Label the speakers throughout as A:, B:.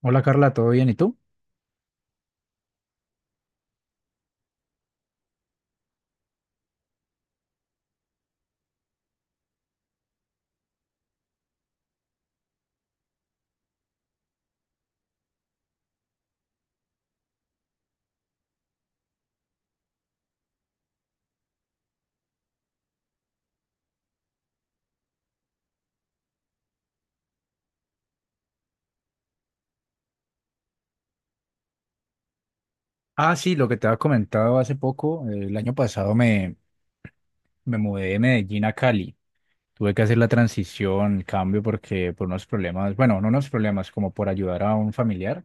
A: Hola Carla, ¿todo bien? ¿Y tú? Ah, sí, lo que te había comentado hace poco, el año pasado me mudé de Medellín a Cali. Tuve que hacer la transición, el cambio, porque por unos problemas, bueno, no unos problemas, como por ayudar a un familiar.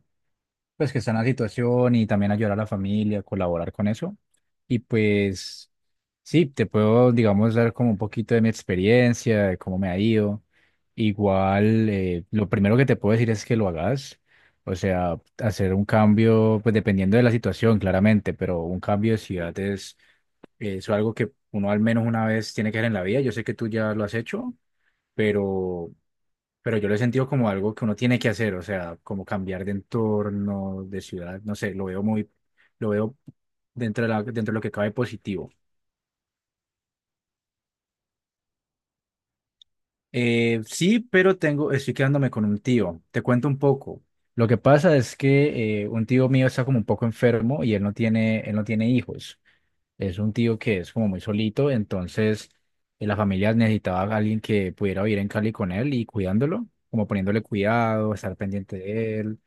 A: Pues que está en la situación y también ayudar a la familia, colaborar con eso. Y pues sí, te puedo, digamos, dar como un poquito de mi experiencia, de cómo me ha ido. Igual, lo primero que te puedo decir es que lo hagas. O sea, hacer un cambio, pues dependiendo de la situación, claramente, pero un cambio de ciudad es algo que uno al menos una vez tiene que hacer en la vida. Yo sé que tú ya lo has hecho, pero pero yo lo he sentido como algo que uno tiene que hacer, o sea, como cambiar de entorno, de ciudad, no sé, lo veo lo veo dentro de lo que cabe positivo. Sí, pero tengo, estoy quedándome con un tío. Te cuento un poco. Lo que pasa es que un tío mío está como un poco enfermo y él no tiene hijos. Es un tío que es como muy solito, entonces la familia necesitaba a alguien que pudiera vivir en Cali con él y cuidándolo, como poniéndole cuidado, estar pendiente de él.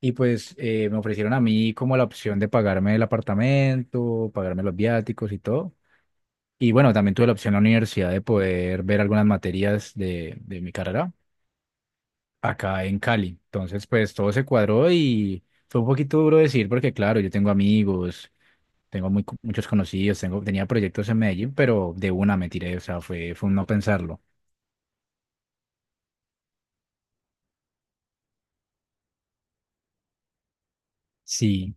A: Y pues me ofrecieron a mí como la opción de pagarme el apartamento, pagarme los viáticos y todo. Y bueno, también tuve la opción en la universidad de poder ver algunas materias de mi carrera acá en Cali. Entonces, pues todo se cuadró y fue un poquito duro decir porque, claro, yo tengo amigos, tengo muchos conocidos, tenía proyectos en Medellín, pero de una me tiré, o sea, fue un no pensarlo. Sí,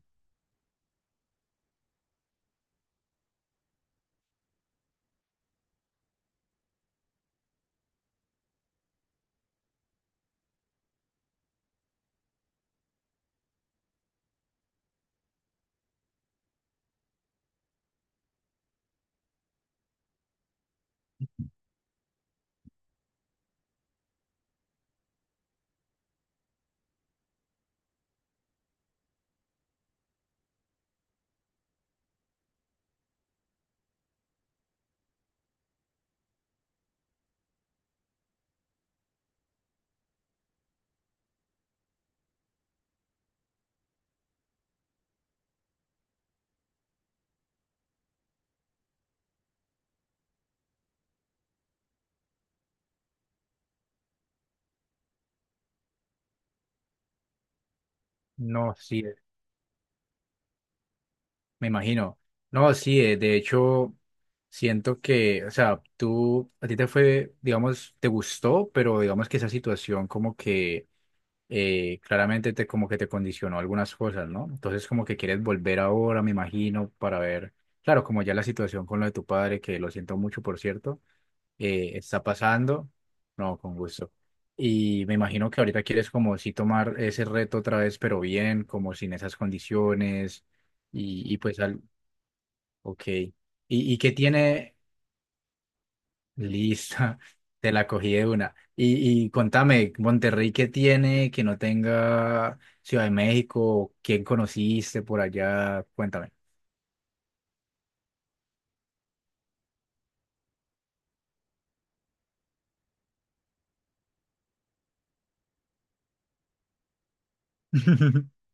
A: no, sí, me imagino. No, sí, de hecho, siento que, o sea, tú, a ti te fue, digamos, te gustó, pero digamos que esa situación como que claramente como que te condicionó algunas cosas, ¿no? Entonces como que quieres volver ahora, me imagino, para ver, claro, como ya la situación con lo de tu padre, que lo siento mucho, por cierto. Eh, está pasando. No, con gusto. Y me imagino que ahorita quieres como sí tomar ese reto otra vez, pero bien, como sin esas condiciones. Y, y pues, al, ok. ¿Y qué tiene? Lista, te la cogí de una. Y contame, Monterrey, ¿qué tiene que no tenga Ciudad de México? ¿Quién conociste por allá? Cuéntame.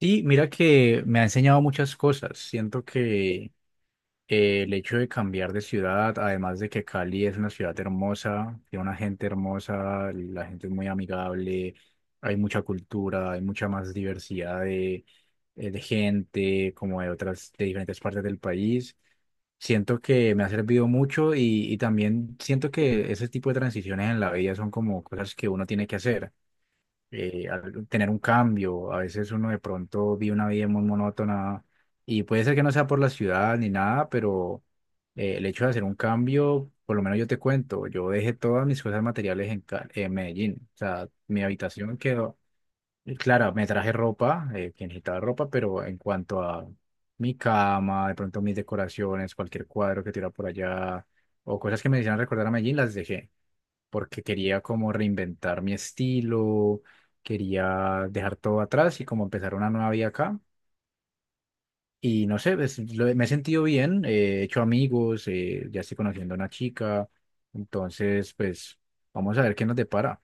A: Sí, mira que me ha enseñado muchas cosas. Siento que, eh, el hecho de cambiar de ciudad, además de que Cali es una ciudad hermosa, tiene una gente hermosa, la gente es muy amigable, hay mucha cultura, hay mucha más diversidad de gente, como de otras, de diferentes partes del país. Siento que me ha servido mucho y también siento que ese tipo de transiciones en la vida son como cosas que uno tiene que hacer, tener un cambio. A veces uno de pronto vive una vida muy monótona y puede ser que no sea por la ciudad ni nada, pero, el hecho de hacer un cambio, por lo menos yo te cuento, yo dejé todas mis cosas materiales en Medellín. O sea, mi habitación quedó, y claro, me traje ropa, que necesitaba ropa, pero en cuanto a mi cama, de pronto mis decoraciones, cualquier cuadro que tira por allá o cosas que me hicieran recordar a Medellín, las dejé porque quería como reinventar mi estilo, quería dejar todo atrás y como empezar una nueva vida acá. Y no sé, pues, me he sentido bien, he hecho amigos, ya estoy conociendo a una chica, entonces pues vamos a ver qué nos depara.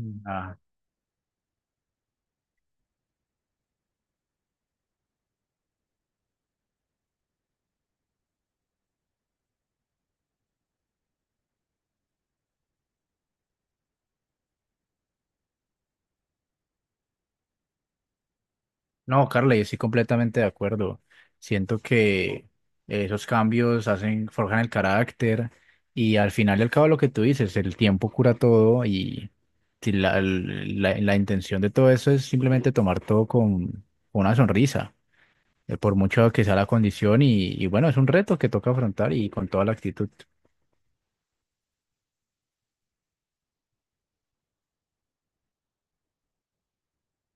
A: Mm. No, Carla, yo estoy completamente de acuerdo. Siento que esos cambios hacen, forjan el carácter y al final y al cabo lo que tú dices, el tiempo cura todo y si la intención de todo eso es simplemente tomar todo con una sonrisa, por mucho que sea la condición y bueno, es un reto que toca afrontar y con toda la actitud.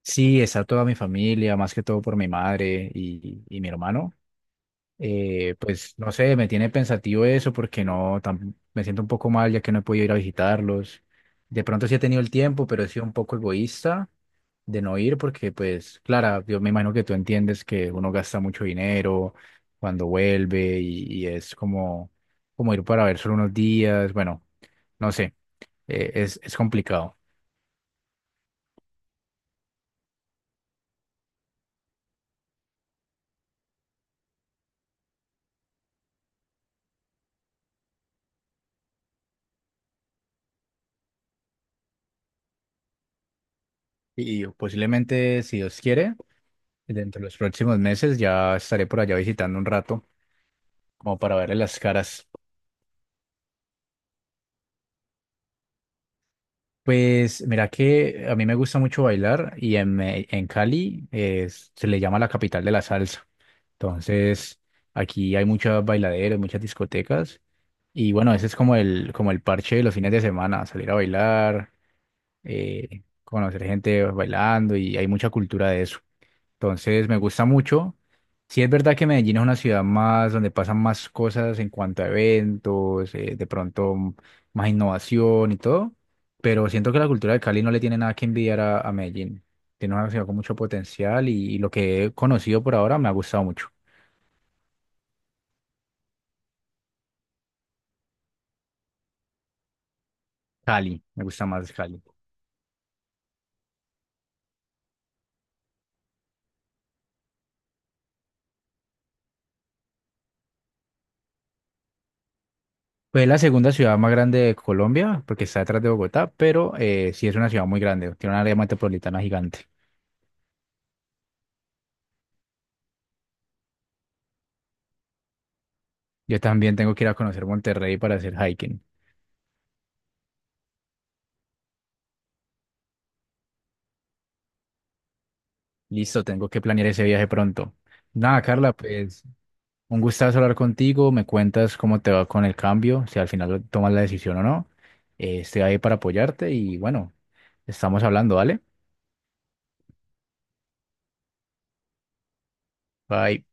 A: Sí, está toda mi familia, más que todo por mi madre y mi hermano. Pues no sé, me tiene pensativo eso porque no, me siento un poco mal ya que no he podido ir a visitarlos. De pronto sí he tenido el tiempo, pero he sido un poco egoísta de no ir porque, pues, Clara, yo me imagino que tú entiendes que uno gasta mucho dinero cuando vuelve y es como, como ir para ver solo unos días. Bueno, no sé, es complicado. Y posiblemente, si Dios quiere, dentro de los próximos meses ya estaré por allá visitando un rato como para verle las caras. Pues mira que a mí me gusta mucho bailar y en Cali se le llama la capital de la salsa. Entonces aquí hay muchos bailaderos, muchas discotecas y bueno, ese es como el parche de los fines de semana, salir a bailar, conocer gente bailando y hay mucha cultura de eso. Entonces me gusta mucho. Sí es verdad que Medellín es una ciudad más donde pasan más cosas en cuanto a eventos, más innovación y todo, pero siento que la cultura de Cali no le tiene nada que envidiar a Medellín. Tiene una ciudad con mucho potencial y lo que he conocido por ahora me ha gustado mucho. Cali, me gusta más Cali. Pues es la segunda ciudad más grande de Colombia porque está detrás de Bogotá, pero sí es una ciudad muy grande, tiene una área metropolitana gigante. Yo también tengo que ir a conocer Monterrey para hacer hiking. Listo, tengo que planear ese viaje pronto. Nada, Carla, pues un gustazo hablar contigo. Me cuentas cómo te va con el cambio, si al final tomas la decisión o no. Estoy ahí para apoyarte y bueno, estamos hablando, ¿vale? Bye.